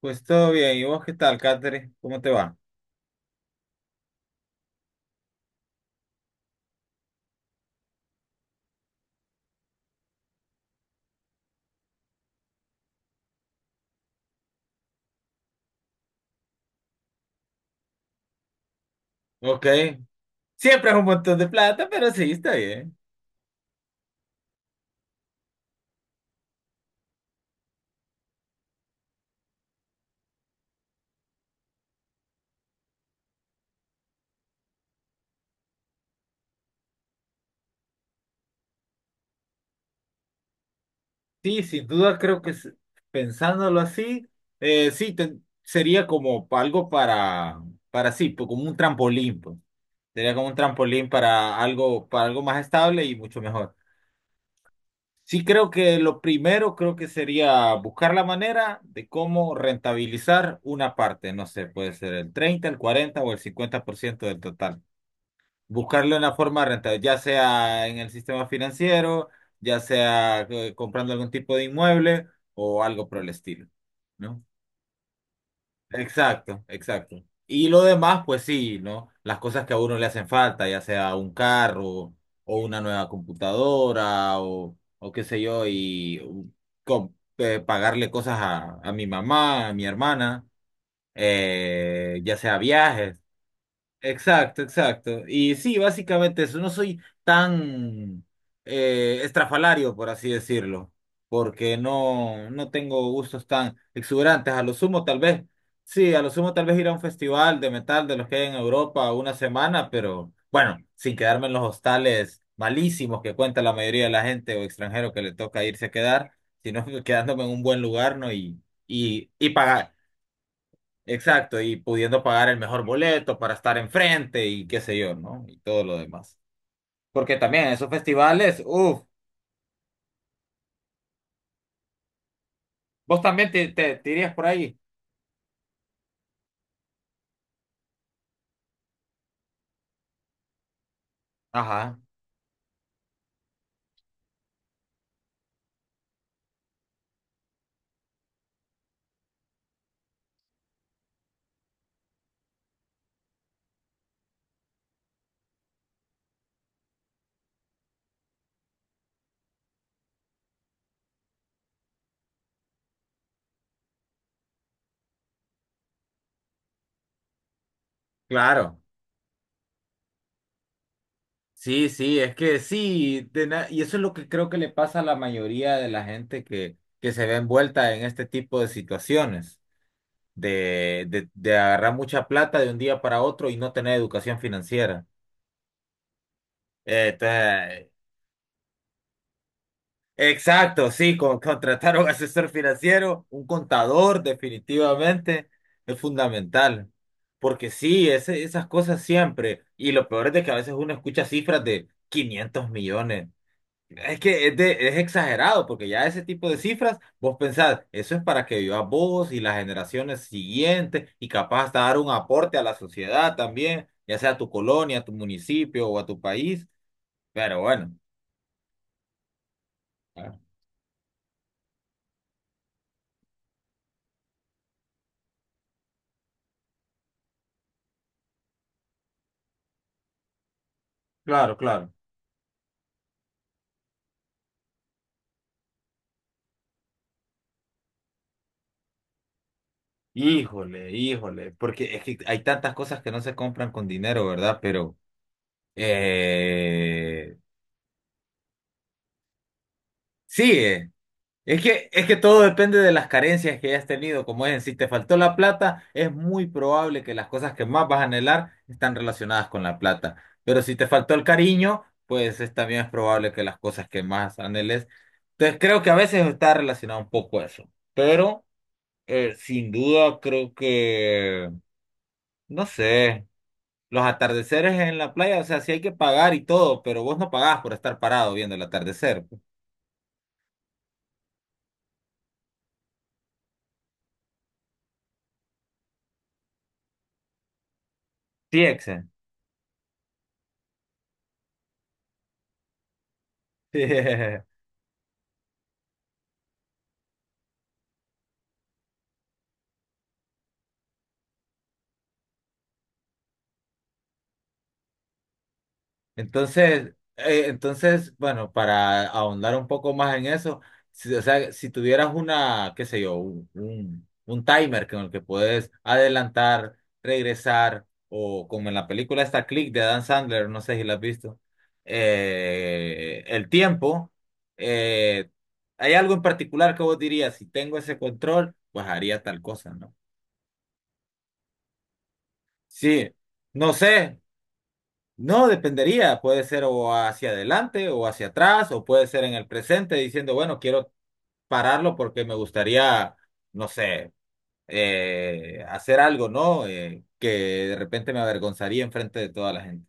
Pues todo bien. ¿Y vos qué tal, Catherine? ¿Cómo te va? Ok. Siempre es un montón de plata, pero sí, está bien. Sí, sin duda creo que pensándolo así, sí, sería como algo para sí, pues, como un trampolín, pues. Sería como un trampolín para algo más estable y mucho mejor. Sí, creo que lo primero creo que sería buscar la manera de cómo rentabilizar una parte. No sé, puede ser el 30, el 40 o el 50% del total. Buscarle una forma rentable, ya sea en el sistema financiero, ya sea comprando algún tipo de inmueble o algo por el estilo, ¿no? Exacto, exacto. Y lo demás, pues sí, ¿no? Las cosas que a uno le hacen falta, ya sea un carro o una nueva computadora o qué sé yo, com- pagarle cosas a mi mamá, a mi hermana, ya sea viajes. Exacto, exacto. Y sí, básicamente eso. No soy tan estrafalario, por así decirlo, porque no, no tengo gustos tan exuberantes. A lo sumo, tal vez, sí, a lo sumo, tal vez ir a un festival de metal de los que hay en Europa una semana, pero bueno, sin quedarme en los hostales malísimos que cuenta la mayoría de la gente o extranjero que le toca irse a quedar, sino quedándome en un buen lugar, ¿no? Y, y exacto, y pudiendo pagar el mejor boleto para estar enfrente y qué sé yo, ¿no? Y todo lo demás. Porque también esos festivales, uff, vos también te irías por ahí. Ajá, claro. Sí, sí, es que sí, y eso es lo que creo que le pasa a la mayoría de la gente que se ve envuelta en este tipo de situaciones, de agarrar mucha plata de un día para otro y no tener educación financiera. Eh, Exacto, sí, contratar a un asesor financiero, un contador, definitivamente es fundamental. Porque sí, esas cosas siempre. Y lo peor es de que a veces uno escucha cifras de 500 millones. Es que es, es exagerado, porque ya ese tipo de cifras, vos pensás, eso es para que vivas vos y las generaciones siguientes, y capaz hasta dar un aporte a la sociedad también, ya sea a tu colonia, a tu municipio o a tu país. Pero bueno, ah, claro, claro. Híjole, híjole, porque es que hay tantas cosas que no se compran con dinero, ¿verdad? Pero eh, sí, es que todo depende de las carencias que hayas tenido. Como es, si te faltó la plata, es muy probable que las cosas que más vas a anhelar están relacionadas con la plata. Pero si te faltó el cariño, pues es, también es probable que las cosas que más anheles. Entonces creo que a veces está relacionado un poco eso. Pero sin duda creo que, no sé. Los atardeceres en la playa, o sea, sí hay que pagar y todo, pero vos no pagás por estar parado viendo el atardecer. Sí, Exe. Entonces, bueno, para ahondar un poco más en eso, si, o sea, si tuvieras una, qué sé yo, un timer con el que puedes adelantar, regresar, o como en la película esta Click de Adam Sandler, no sé si la has visto, el tiempo, eh, ¿hay algo en particular que vos dirías? Si tengo ese control, pues haría tal cosa, ¿no? Sí, no sé. No, dependería, puede ser o hacia adelante o hacia atrás o puede ser en el presente diciendo, bueno, quiero pararlo porque me gustaría, no sé, hacer algo, ¿no? Que de repente me avergonzaría enfrente de toda la gente.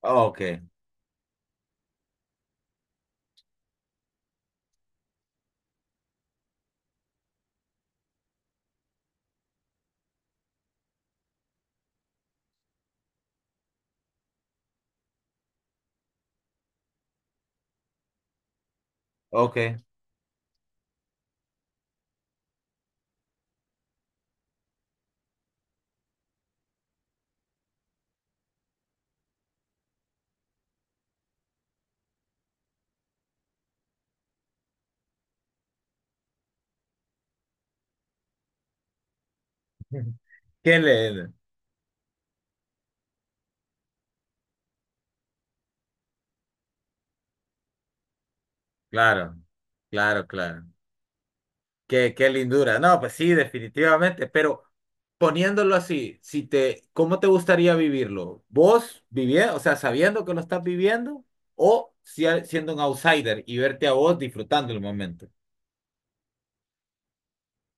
Ok, ok. ¿Qué le? Claro, claro, claro. Qué, qué lindura. No, pues sí, definitivamente, pero poniéndolo así, si te, ¿cómo te gustaría vivirlo? ¿Vos viviendo, o sea, sabiendo que lo estás viviendo o siendo un outsider y verte a vos disfrutando el momento?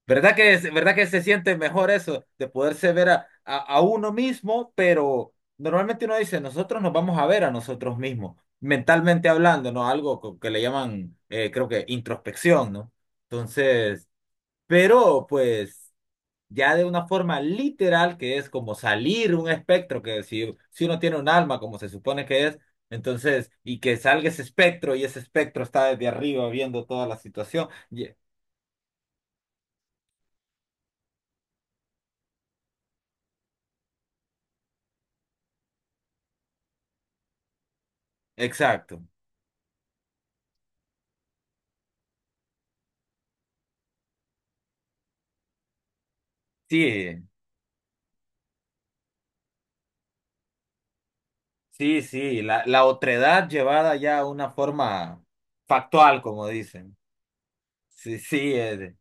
¿Verdad que, verdad que se siente mejor eso de poderse ver a, a uno mismo, pero normalmente uno dice, nosotros nos vamos a ver a nosotros mismos, mentalmente hablando, ¿no? Algo que le llaman, creo que introspección, ¿no? Entonces... pero, pues, ya de una forma literal, que es como salir un espectro, que si, si uno tiene un alma, como se supone que es, entonces, y que salga ese espectro y ese espectro está desde arriba viendo toda la situación. Ye- exacto. Sí, sí, sí, la otredad llevada ya a una forma factual, como dicen. Sí, sí, es,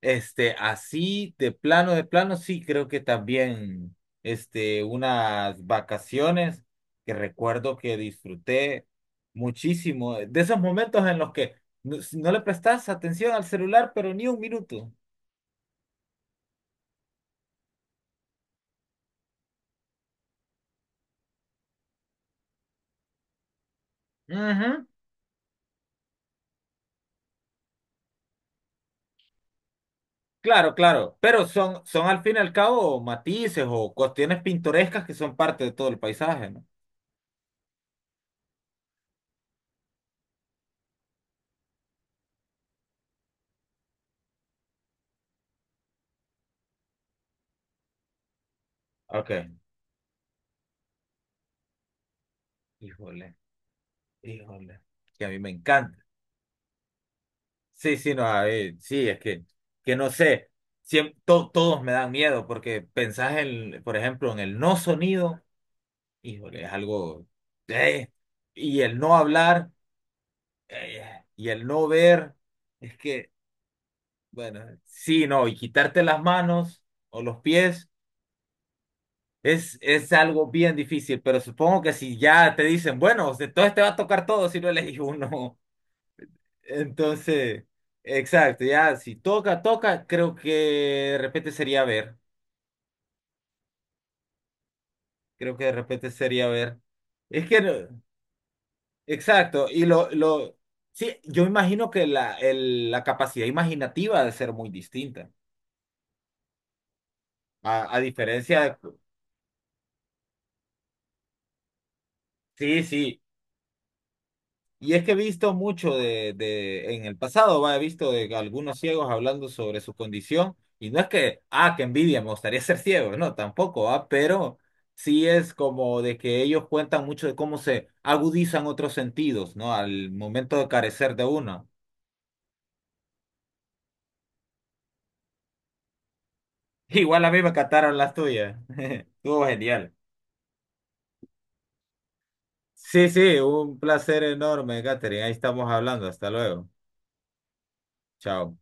este, así de plano, sí, creo que también, este, unas vacaciones que recuerdo que disfruté muchísimo, de esos momentos en los que no, no le prestas atención al celular, pero ni un minuto. Ujú, claro, claro, pero son, son al fin y al cabo matices o cuestiones pintorescas que son parte de todo el paisaje, ¿no? Ok, híjole, híjole, que a mí me encanta. Sí, sí, no, a ver, sí, es que, no sé, todos me dan miedo porque pensás en, por ejemplo, en el no sonido, híjole, es algo, eh, y el no hablar, y el no ver, es que, bueno, sí, no, y quitarte las manos o los pies es algo bien difícil, pero supongo que si ya te dicen, bueno, entonces te va a tocar todo si no elegís uno. Entonces, exacto, ya si toca, toca, creo que de repente sería ver. Creo que de repente sería ver. Es que, no- exacto, y lo, sí, yo imagino que la, la capacidad imaginativa ha de ser muy distinta. A diferencia de, sí, sí, y es que he visto mucho de, en el pasado, va, he visto de algunos ciegos hablando sobre su condición, y no es que, ah, qué envidia, me gustaría ser ciego, no, tampoco, ah, pero sí es como de que ellos cuentan mucho de cómo se agudizan otros sentidos, ¿no? Al momento de carecer de uno. Igual a mí me cataron las tuyas. Estuvo genial. Sí, sí, un placer enorme, Catherine. Ahí estamos hablando. Hasta luego. Chao.